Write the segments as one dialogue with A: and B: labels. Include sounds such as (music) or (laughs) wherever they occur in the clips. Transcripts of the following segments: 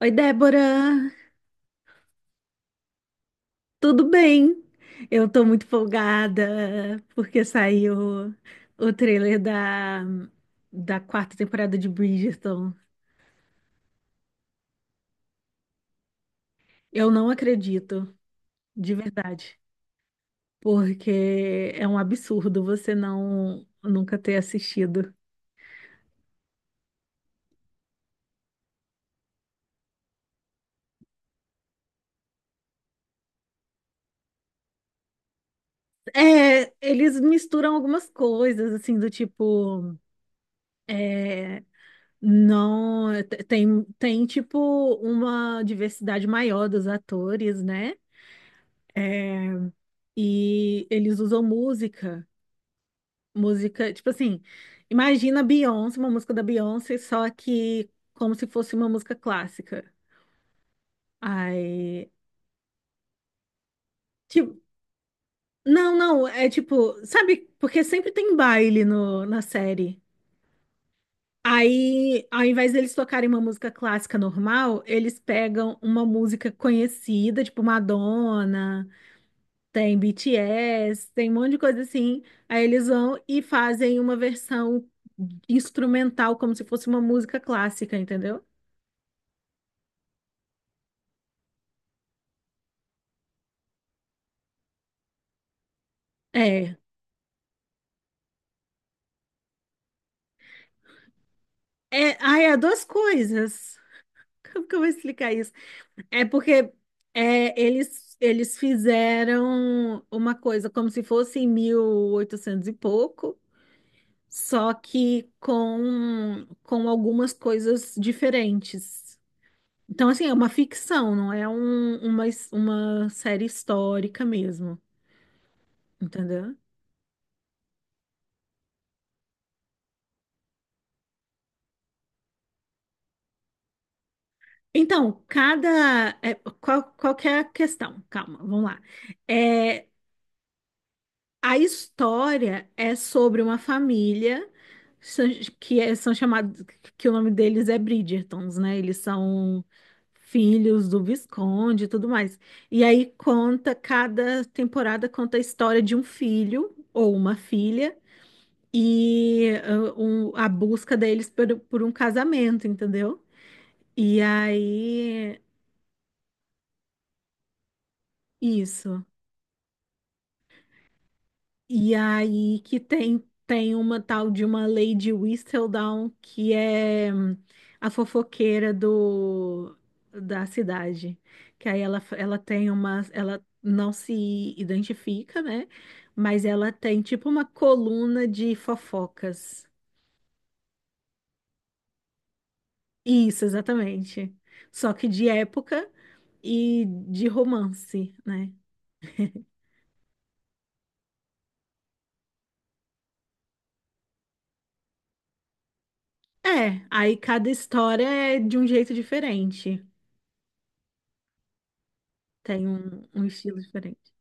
A: Oi, Débora, tudo bem? Eu tô muito folgada porque saiu o trailer da quarta temporada de Bridgerton. Eu não acredito, de verdade, porque é um absurdo você não nunca ter assistido. É, eles misturam algumas coisas, assim, do tipo, é, não, tem tipo uma diversidade maior dos atores, né? E eles usam música, tipo assim, imagina Beyoncé, uma música da Beyoncé, só que como se fosse uma música clássica. Aí, tipo, não, é tipo, sabe, porque sempre tem baile no, na série. Aí, ao invés deles tocarem uma música clássica normal, eles pegam uma música conhecida, tipo Madonna, tem BTS, tem um monte de coisa assim. Aí eles vão e fazem uma versão instrumental, como se fosse uma música clássica, entendeu? É. É, ai, é duas coisas. Como que eu vou explicar isso? É porque eles fizeram uma coisa como se fosse em 1800 e pouco, só que com algumas coisas diferentes. Então, assim, é uma ficção, não é uma, uma série histórica mesmo, entendeu? Então, cada. É, qual que é a questão? Calma, vamos lá. É, a história é sobre uma família são- são chamados. Que o nome deles é Bridgertons, né? Eles são filhos do Visconde e tudo mais. E aí conta, cada temporada conta a história de um filho ou uma filha e a busca deles por um casamento, entendeu? E aí, isso. E aí que tem uma tal de uma Lady Whistledown, que é a fofoqueira da cidade. Que aí ela tem uma. Ela não se identifica, né? Mas ela tem tipo uma coluna de fofocas. Isso, exatamente. Só que de época, e de romance, né? É, aí cada história é de um jeito diferente. Tem um estilo diferente.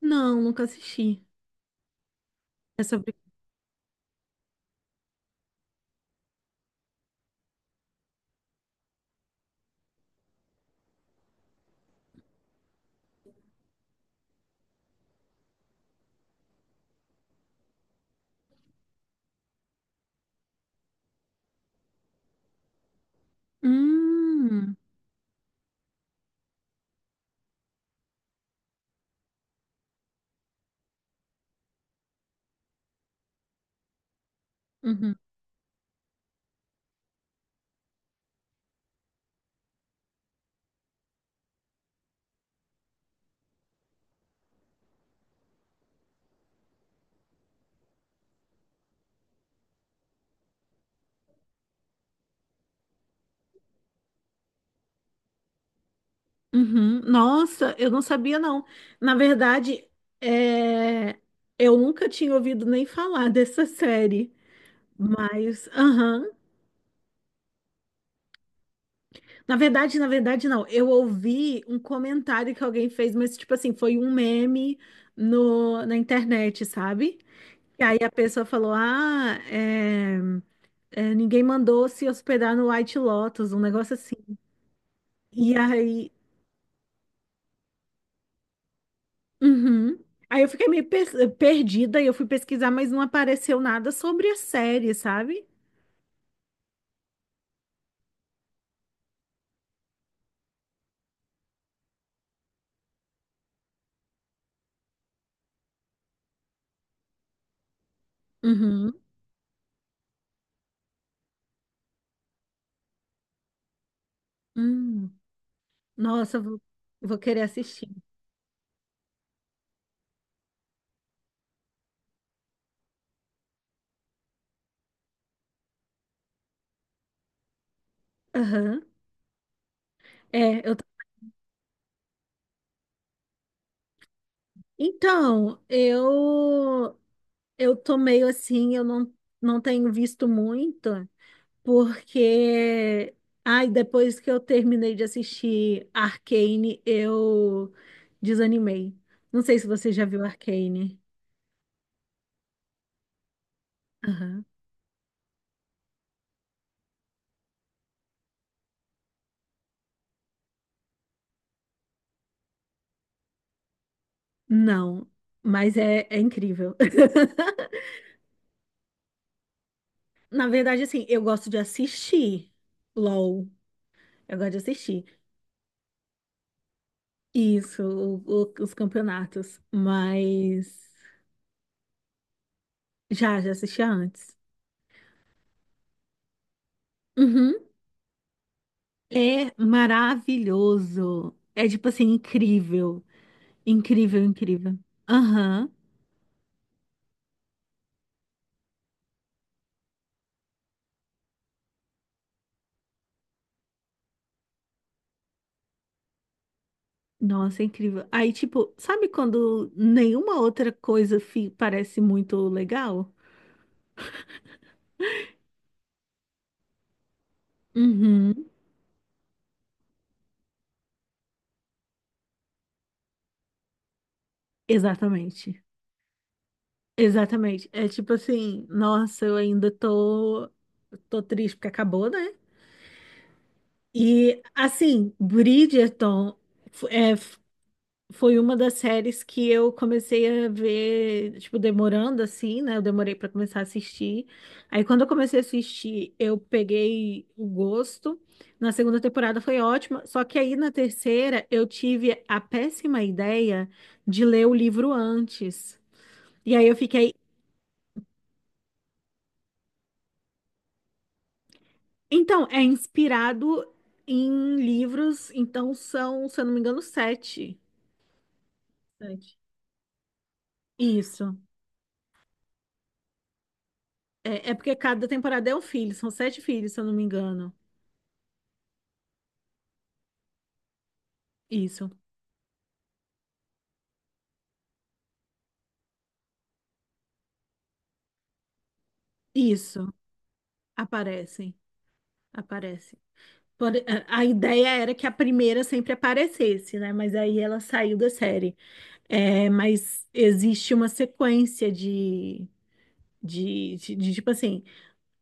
A: Não, nunca assisti. É sobre. Hum, uhum, uhum. Nossa, eu não sabia, não. Na verdade, é, eu nunca tinha ouvido nem falar (laughs) dessa série. Mas, aham. Na verdade, não. Eu ouvi um comentário que alguém fez, mas, tipo assim, foi um meme no, na internet, sabe? E aí a pessoa falou: Ah, ninguém mandou se hospedar no White Lotus, um negócio assim. E aí, uhum. Aí eu fiquei meio perdida e eu fui pesquisar, mas não apareceu nada sobre a série, sabe? Uhum. Hum. Nossa, vou querer assistir. Aham. É, eu... t- Então, eu tô meio assim, eu não, não tenho visto muito. Porque, ai, depois que eu terminei de assistir Arcane, eu desanimei. Não sei se você já viu Arcane. Aham. Não, mas é incrível. (laughs) Na verdade, assim, eu gosto de assistir LOL. Eu gosto de assistir. Isso, os campeonatos. Mas já assistia antes. Uhum. É maravilhoso. É tipo assim, incrível. Incrível, incrível. Aham. Nossa, incrível. Aí, tipo, sabe quando nenhuma outra coisa parece muito legal? Uhum. Exatamente. Exatamente. É tipo assim, nossa, tô triste porque acabou, né? E assim, Bridgerton foi uma das séries que eu comecei a ver, tipo, demorando assim, né? Eu demorei pra começar a assistir. Aí quando eu comecei a assistir, eu peguei o gosto. Na segunda temporada foi ótima, só que aí na terceira eu tive a péssima ideia de ler o livro antes. E aí eu fiquei, então, é inspirado em livros, então são, se eu não me engano, sete. Sete. Isso. É, é porque cada temporada é um filho, são sete filhos, se eu não me engano. Isso, isso, aparecem, aparecem. Por- a ideia era que a primeira sempre aparecesse, né? Mas aí ela saiu da série. É, mas existe uma sequência de, tipo assim,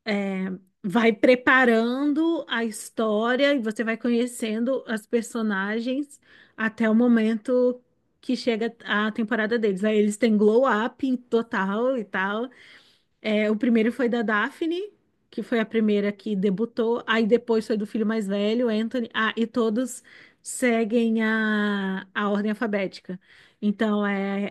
A: é, vai preparando a história e você vai conhecendo as personagens até o momento que chega a temporada deles. Aí eles têm glow up em total e tal. É, o primeiro foi da Daphne, que foi a primeira que debutou. Aí depois foi do filho mais velho, Anthony. Ah, e todos seguem a ordem alfabética. Então é.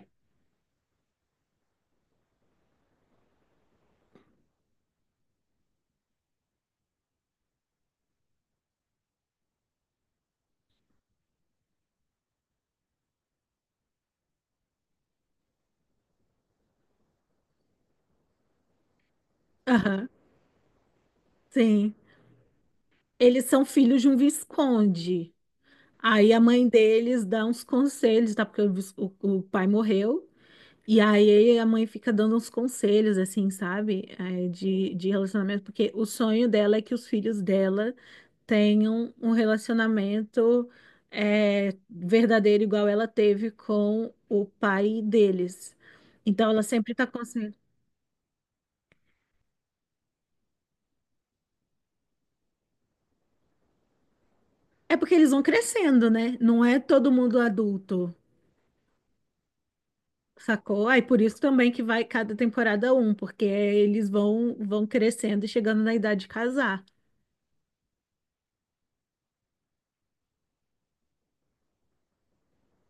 A: Aham, sim. Eles são filhos de um visconde. Aí a mãe deles dá uns conselhos, tá? Porque o pai morreu. E aí a mãe fica dando uns conselhos, assim, sabe? É, de relacionamento, porque o sonho dela é que os filhos dela tenham um relacionamento verdadeiro, igual ela teve com o pai deles. Então ela sempre tá consciente. É porque eles vão crescendo, né? Não é todo mundo adulto, sacou? Aí por isso também que vai cada temporada um, porque eles vão crescendo e chegando na idade de casar.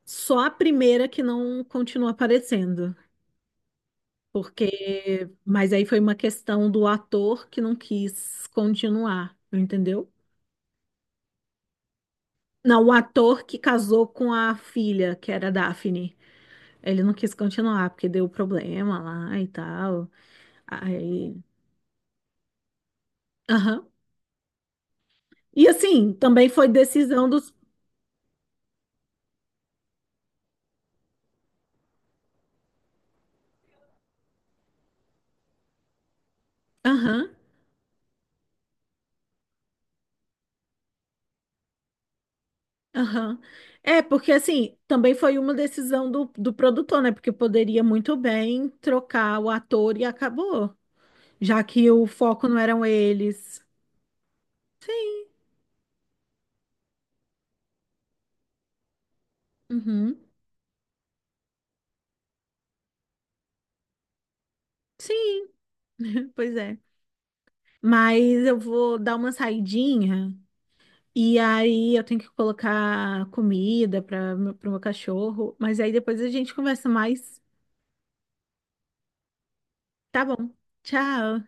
A: Só a primeira que não continua aparecendo, porque mas aí foi uma questão do ator que não quis continuar, entendeu? Não, o ator que casou com a filha, que era a Daphne, ele não quis continuar porque deu problema lá e tal. Aí, aham. E assim, também foi decisão dos, aham, aham. É, porque assim, também foi uma decisão do produtor, né? Porque poderia muito bem trocar o ator e acabou. Já que o foco não eram eles. Sim, uhum, sim, (laughs) pois é. Mas eu vou dar uma saidinha e aí eu tenho que colocar comida para para o meu pra meu cachorro. Mas aí depois a gente conversa mais. Tá bom. Tchau.